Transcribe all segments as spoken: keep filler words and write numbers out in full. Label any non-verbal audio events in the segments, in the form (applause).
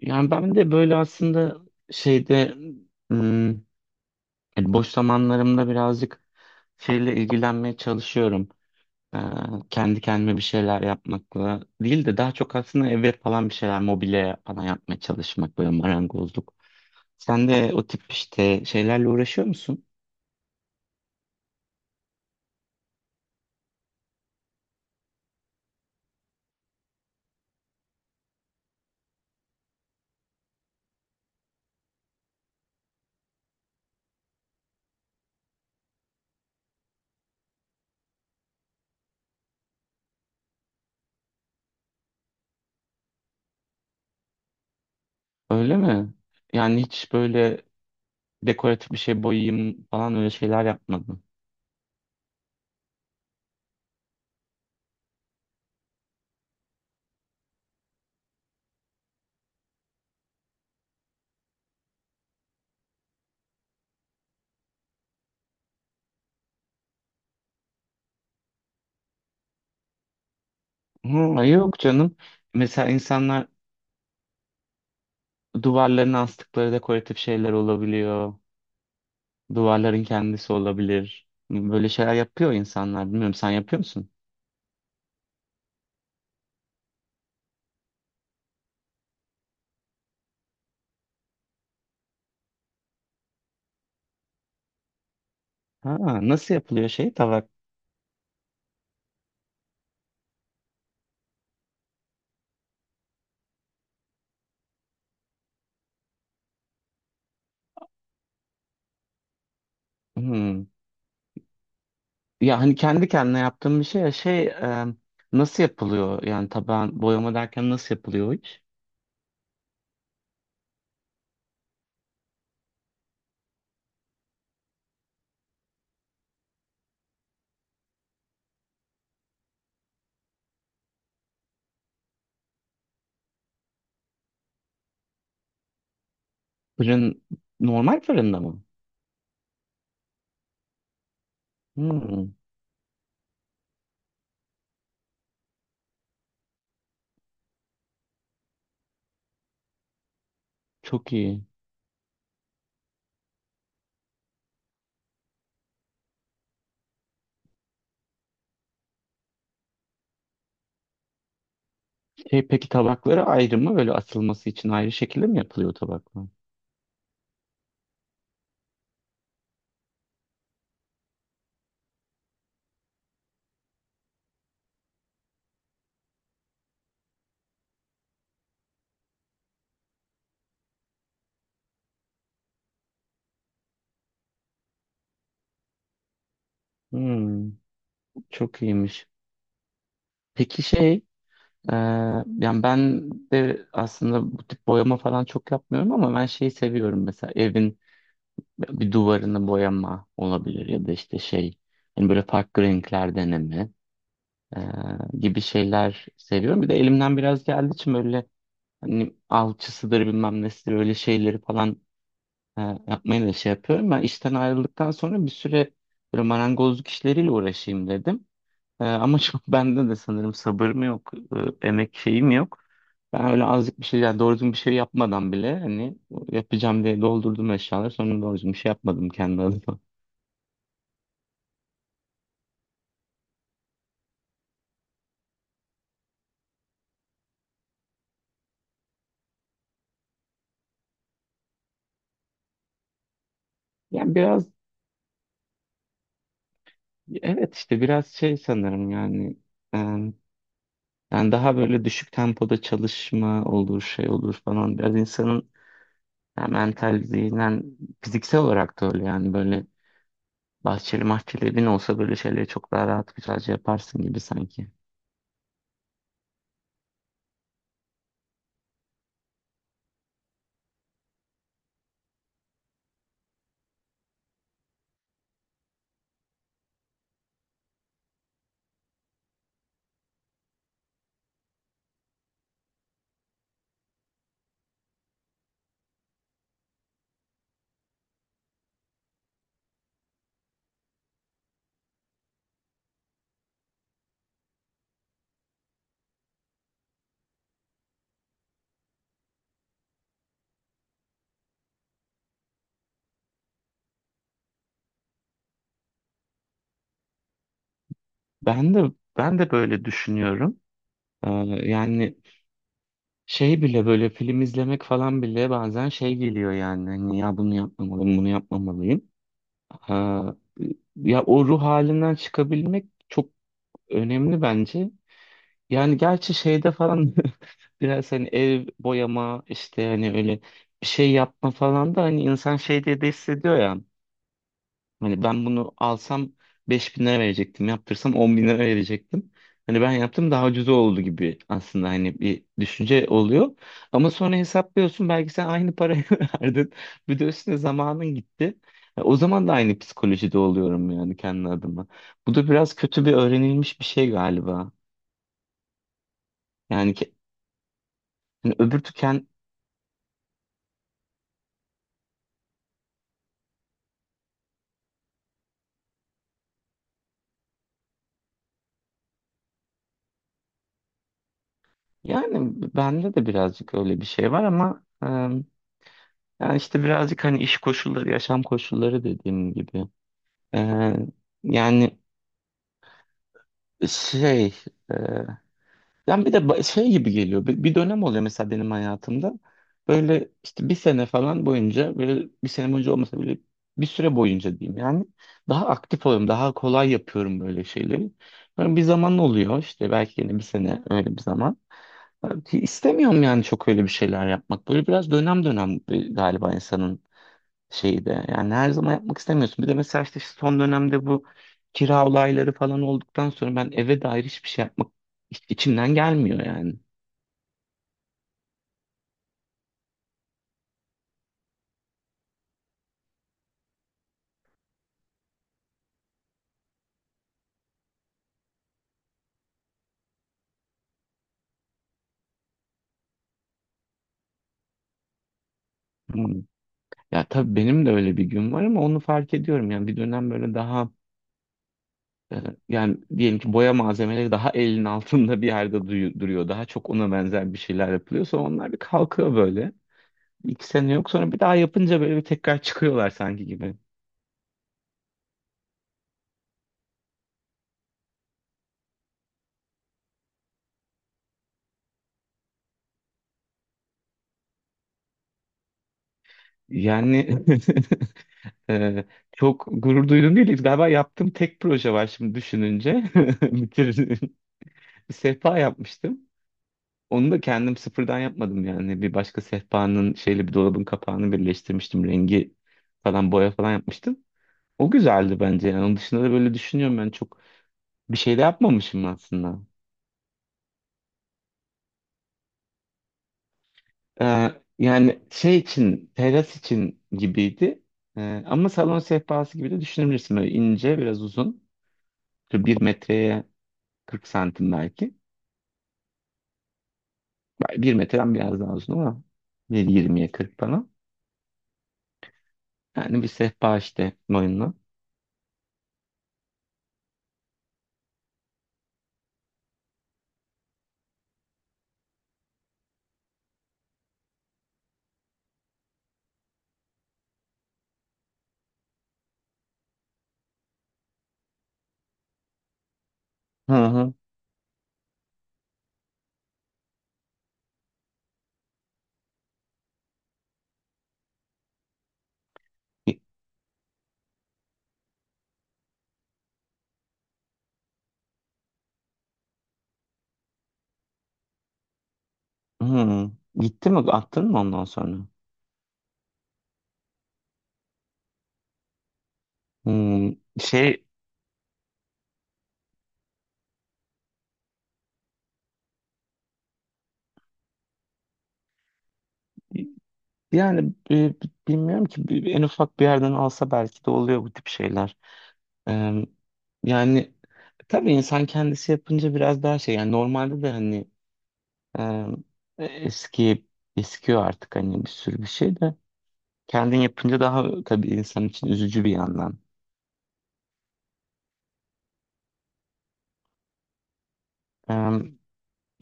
Yani ben de böyle aslında şeyde hmm, hani boş zamanlarımda birazcık şeyle ilgilenmeye çalışıyorum. Ee, kendi kendime bir şeyler yapmakla değil de daha çok aslında eve falan bir şeyler mobilya falan yapmaya çalışmak böyle marangozluk. Sen de o tip işte şeylerle uğraşıyor musun? Öyle mi? Yani hiç böyle dekoratif bir şey boyayayım falan öyle şeyler yapmadın. Hı, yok canım. Mesela insanlar duvarlarına astıkları dekoratif şeyler olabiliyor. Duvarların kendisi olabilir. Böyle şeyler yapıyor insanlar. Bilmiyorum sen yapıyor musun? Ha, nasıl yapılıyor şey tabak? Hmm. Ya hani kendi kendine yaptığım bir şey ya şey e, nasıl yapılıyor? Yani taban boyama derken nasıl yapılıyor o iş? Fırın normal fırında mı? Hmm, çok iyi. Şey, peki tabakları ayrı mı? Böyle asılması için ayrı şekilde mi yapılıyor tabaklar? Hmm, çok iyiymiş. Peki şey Ee, yani ben de aslında bu tip boyama falan çok yapmıyorum ama ben şeyi seviyorum, mesela evin bir duvarını boyama olabilir ya da işte şey hani böyle farklı renkler deneme ee, gibi şeyler seviyorum. Bir de elimden biraz geldiği için böyle hani alçısıdır bilmem nesidir öyle şeyleri falan e, yapmayı da şey yapıyorum. Ben işten ayrıldıktan sonra bir süre böyle marangozluk işleriyle uğraşayım dedim. Ee, ama (laughs) çok bende de sanırım sabır mı yok, e, emek şeyim yok. Ben öyle azıcık bir şey, yani doğru düzgün bir şey yapmadan bile hani yapacağım diye doldurdum eşyaları. Sonra doğru düzgün bir şey yapmadım kendi adıma. Yani biraz, evet, işte biraz şey sanırım yani. e, yani daha böyle düşük tempoda çalışma olur, şey olur falan. Biraz insanın yani mental, zihnen, fiziksel olarak da öyle yani böyle bahçeli mahçeli evin olsa böyle şeyleri çok daha rahat güzelce yaparsın gibi sanki. Ben de ben de böyle düşünüyorum. Ee, yani şey bile böyle film izlemek falan bile bazen şey geliyor yani. Hani ya bunu yapmamalıyım, bunu yapmamalıyım. Ha, ya o ruh halinden çıkabilmek çok önemli bence. Yani gerçi şeyde falan (laughs) biraz hani ev boyama işte hani öyle bir şey yapma falan da hani insan şey diye de hissediyor ya. Hani ben bunu alsam beş bin lira verecektim. Yaptırsam on bin lira verecektim. Hani ben yaptım, daha ucuz oldu gibi aslında hani bir düşünce oluyor. Ama sonra hesaplıyorsun, belki sen aynı parayı (laughs) verdin. Bir de üstüne zamanın gitti. Ya o zaman da aynı psikolojide oluyorum yani kendi adıma. Bu da biraz kötü, bir öğrenilmiş bir şey galiba. Yani ki, hani öbür tüken, yani bende de birazcık öyle bir şey var ama e, yani işte birazcık hani iş koşulları, yaşam koşulları dediğim gibi. Ee, yani şey e, yani bir de ba- şey gibi geliyor, bir, bir dönem oluyor mesela benim hayatımda, böyle işte bir sene falan boyunca, böyle bir sene boyunca olmasa bile bir süre boyunca diyeyim yani, daha aktif oluyorum, daha kolay yapıyorum böyle şeyleri. Böyle bir zaman oluyor işte, belki yine bir sene öyle bir zaman. Ee, Ki istemiyorum yani çok öyle bir şeyler yapmak, böyle biraz dönem dönem bir- galiba insanın şeyi de. Yani her zaman yapmak istemiyorsun. Bir de mesela işte son dönemde bu kira olayları falan olduktan sonra ben eve dair hiçbir şey yapmak iç- içimden gelmiyor yani. Hmm. Ya tabii benim de öyle bir gün var ama onu fark ediyorum. Yani bir dönem böyle daha e, yani diyelim ki boya malzemeleri daha elin altında bir yerde duyu- duruyor. Daha çok ona benzer bir şeyler yapılıyor. Sonra onlar bir kalkıyor böyle. İki sene yok, sonra bir daha yapınca böyle bir tekrar çıkıyorlar sanki gibi. Yani (laughs) Ee, çok gurur duyduğum değil. Galiba yaptığım tek proje var şimdi düşününce. (laughs) Bitirdim. Bir sehpa yapmıştım. Onu da kendim sıfırdan yapmadım yani. Bir başka sehpanın şeyle bir dolabın kapağını birleştirmiştim. Rengi falan, boya falan yapmıştım. O güzeldi bence yani. Onun dışında da böyle düşünüyorum, ben çok bir şey de yapmamışım aslında. Ee, yani şey için teras için gibiydi. Ee, ama salon sehpası gibi de düşünebilirsin. Böyle ince, biraz uzun. Bir metreye kırk santim belki. Yani bir metreden biraz daha uzun ama bir yirmiye kırk bana. Yani bir sehpa işte, boyunla. Hı hı. Hı. Gitti mi? Attın mı ondan sonra? Hmm, Şey yani e, bilmiyorum ki, bir- en ufak bir yerden alsa belki de oluyor bu tip şeyler. Ee, yani tabii insan kendisi yapınca biraz daha şey yani, normalde de hani e, eski eskiyor artık hani bir sürü bir şey de, kendin yapınca daha tabii insan için üzücü bir yandan.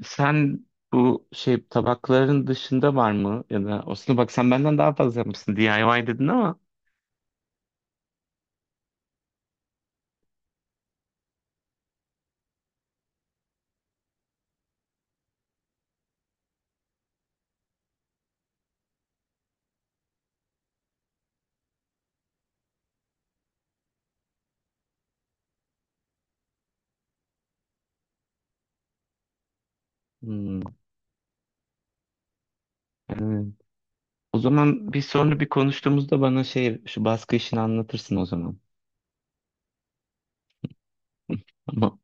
Sen bu şey tabakların dışında var mı? Ya da aslında bak, sen benden daha fazla yapmışsın, D I Y dedin ama. Hmm, evet. O zaman bir sonra bir konuştuğumuzda bana şey şu baskı işini anlatırsın o zaman. Tamam.